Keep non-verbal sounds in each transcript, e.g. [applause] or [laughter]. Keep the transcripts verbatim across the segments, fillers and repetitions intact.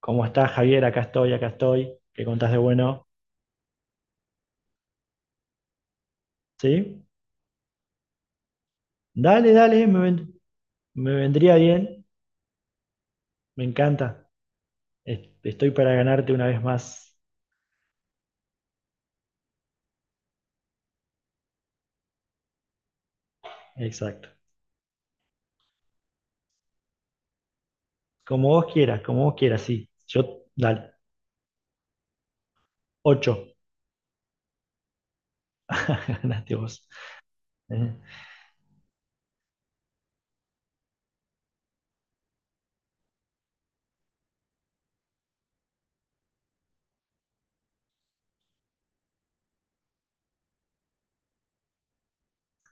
¿Cómo estás, Javier? Acá estoy, acá estoy. ¿Qué contás de bueno? ¿Sí? Dale, dale, me, ven- me vendría bien. Me encanta. Es- Estoy para ganarte una vez más. Exacto. Como vos quieras, como vos quieras, sí. Yo, dale. Ocho. [laughs] Ganaste vos. Eh,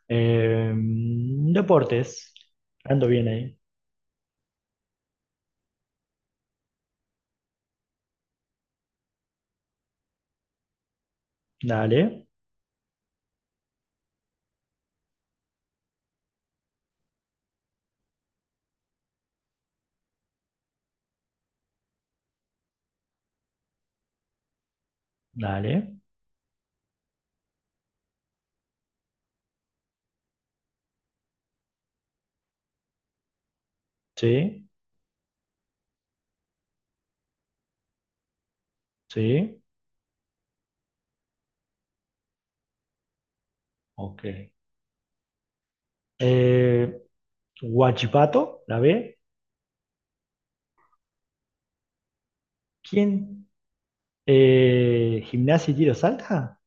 eh, deportes. Ando bien ahí. Dale, dale. Sí, sí. Ok. Eh, Guachipato, la B. ¿Quién? Eh, ¿Gimnasia y tiro salta?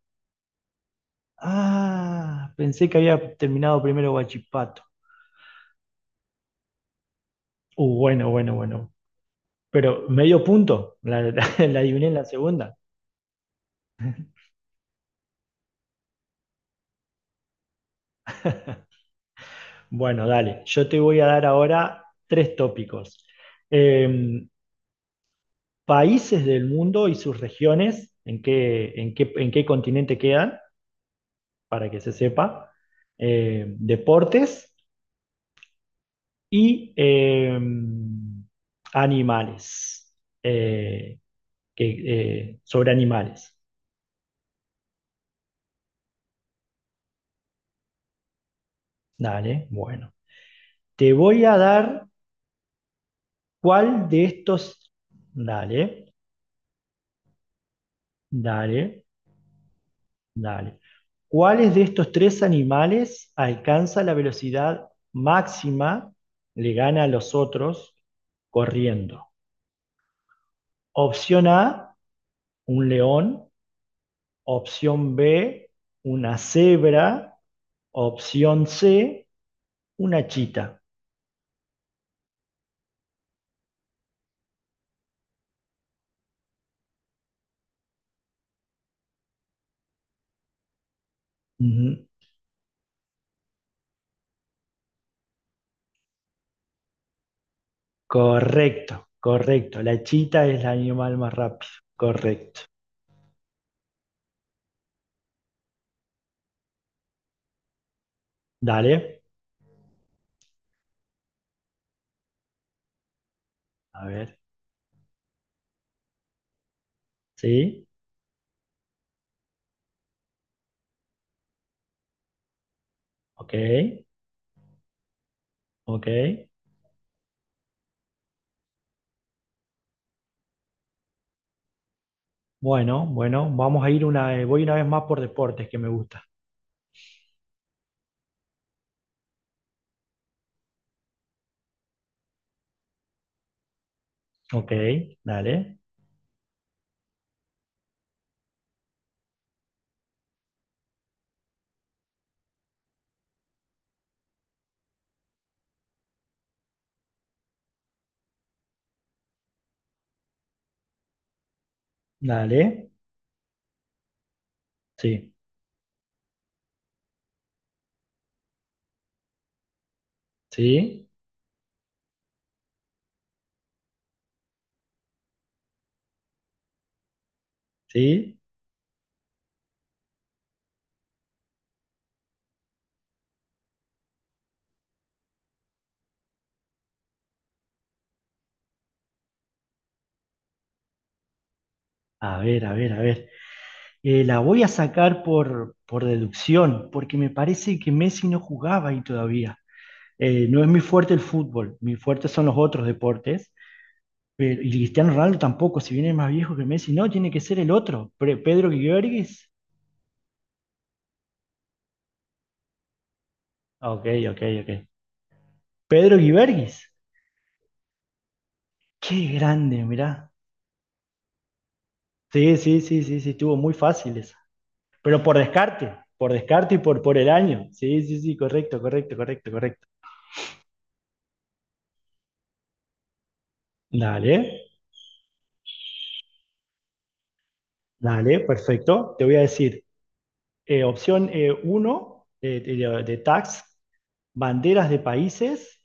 Ah, pensé que había terminado primero Guachipato. Uh, bueno, bueno, bueno. Pero medio punto, la, la- [laughs] la adiviné en la segunda. Bueno, dale, yo te voy a dar ahora tres tópicos. Eh, países del mundo y sus regiones, en qué, en qué, en qué continente quedan, para que se sepa. Eh, deportes y eh, animales. Eh, que, eh, sobre animales. Dale, bueno. Te voy a dar cuál de estos... Dale, dale, dale. ¿Cuáles de estos tres animales alcanza la velocidad máxima, le gana a los otros corriendo? Opción A, un león. Opción B, una cebra. Opción C, una chita. Ujú. Correcto, correcto. La chita es el animal más rápido. Correcto. Dale. A ver. Sí. Ok. Ok. Bueno, bueno. Vamos a ir una, voy una vez más por deportes que me gusta. Ok. Dale. Dale. Sí. Sí. Sí. A ver, a ver, a ver. Eh, la voy a sacar por, por deducción, porque me parece que Messi no jugaba ahí todavía. Eh, no es mi fuerte el fútbol, mi fuerte son los otros deportes. Pero- y Cristiano Ronaldo tampoco, si viene más viejo que Messi, no, tiene que ser el otro. Pre- Pedro Guibergues. Ah, Ok, ok, ok. Pedro Guibergues. Qué grande, mirá. Sí, sí, sí, sí, sí, estuvo muy fácil esa. Pero por descarte, por descarte y por, por el año. Sí, sí, sí, correcto, correcto, correcto, correcto. Dale, dale, perfecto. Te voy a decir, eh, opción eh, uno de, de, de tax, banderas de países.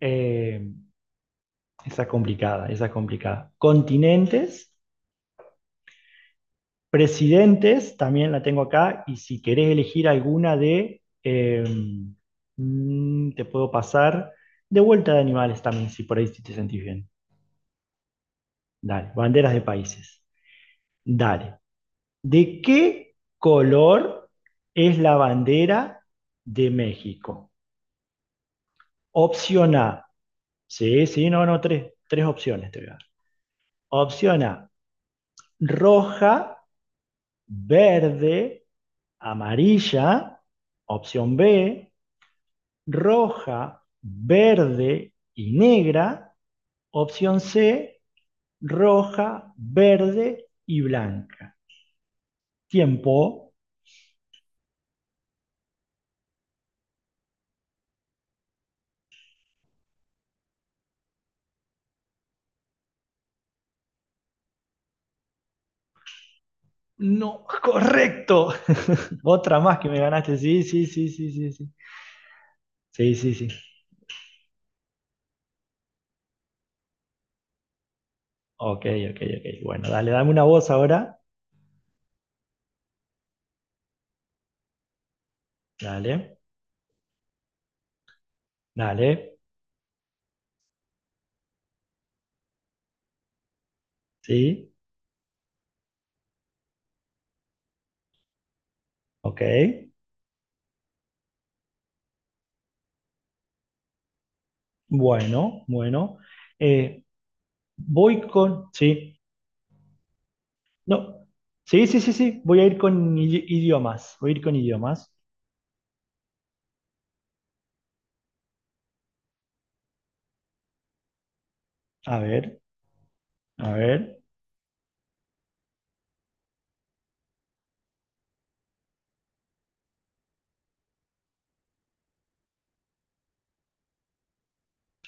eh, esa es complicada, esa es complicada. Continentes. Presidentes, también la tengo acá, y si querés elegir alguna de, eh, mm, te puedo pasar, de vuelta de animales también, si por ahí sí te sentís bien. Dale, banderas de países. Dale. ¿De qué color es la bandera de México? Opción A. Sí, sí, no, no, tres, tres opciones te voy a dar. Opción A, roja, verde, amarilla. Opción B, roja, verde y negra. Opción C, roja, verde y blanca. Tiempo. No, correcto. Otra más que me ganaste. Sí, sí, sí, sí, sí, sí. Sí, sí, sí. Ok, ok, ok. Bueno, dale, dame una voz ahora. Dale, dale. Sí, ok. Bueno, bueno. Eh, voy con. Sí, no. Sí, sí, sí, sí. Voy a ir con idi- idiomas. Voy a ir con idiomas. A ver, a ver.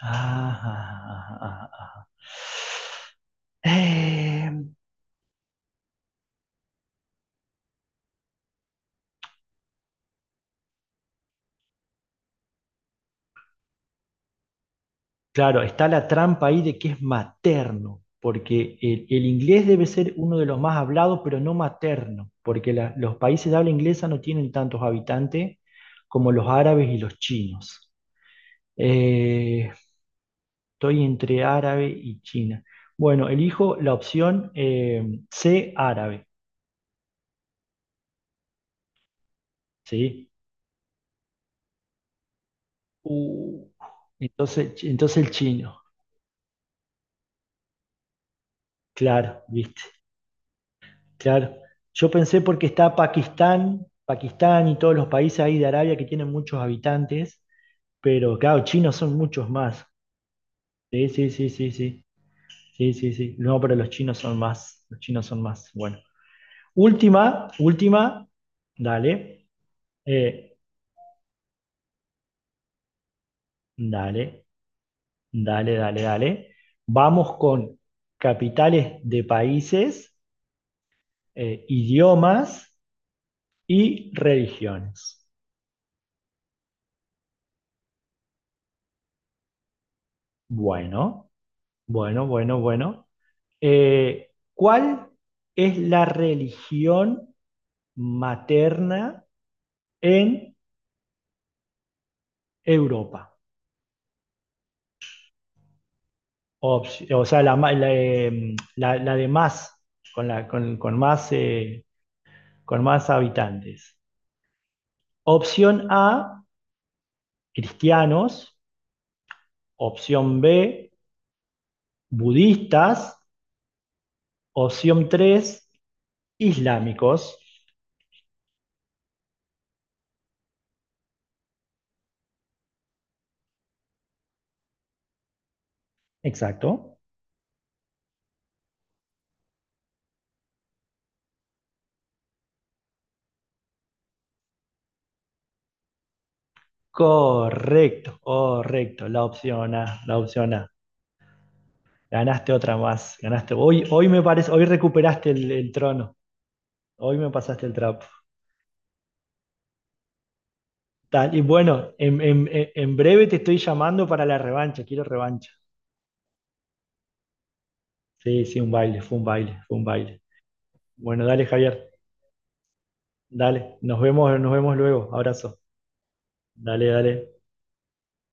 Ah, ah, ah, ah, ah. Eh, claro, está la trampa ahí de que es materno, porque el, el inglés debe ser uno de los más hablados, pero no materno, porque la- los países de habla inglesa no tienen tantos habitantes como los árabes y los chinos. Eh, estoy entre árabe y China. Bueno, elijo la opción eh, C, árabe, ¿sí? Uh, entonces, entonces el chino. Claro, viste, claro. Yo pensé porque está Pakistán, Pakistán y todos los países ahí de Arabia que tienen muchos habitantes, pero claro, chinos son muchos más. Sí, sí, sí, sí, sí. Sí, sí, sí. No, pero los chinos son más. Los chinos son más. Bueno. Última, última. Dale. eh, dale, dale, dale, dale. Vamos con capitales de países, eh, idiomas y religiones. Bueno. Bueno, bueno, bueno. Eh, ¿cuál es la religión materna en Europa? Opci- o sea, la, ma- la, eh, la- la de más, con, la, con, con más, eh, con más habitantes. Opción A, cristianos. Opción B, budistas. Opción tres, islámicos. Exacto. Correcto, correcto. La opción A, la opción A. Ganaste otra más, ganaste. Hoy, hoy me parece, hoy recuperaste el, el trono, hoy me pasaste el trapo. Tal, y bueno, en, en- en- en breve te estoy llamando para la revancha, quiero revancha. Sí, sí, un baile, fue un baile, fue un baile. Bueno, dale, Javier, dale, nos vemos, nos vemos luego, abrazo. Dale, dale.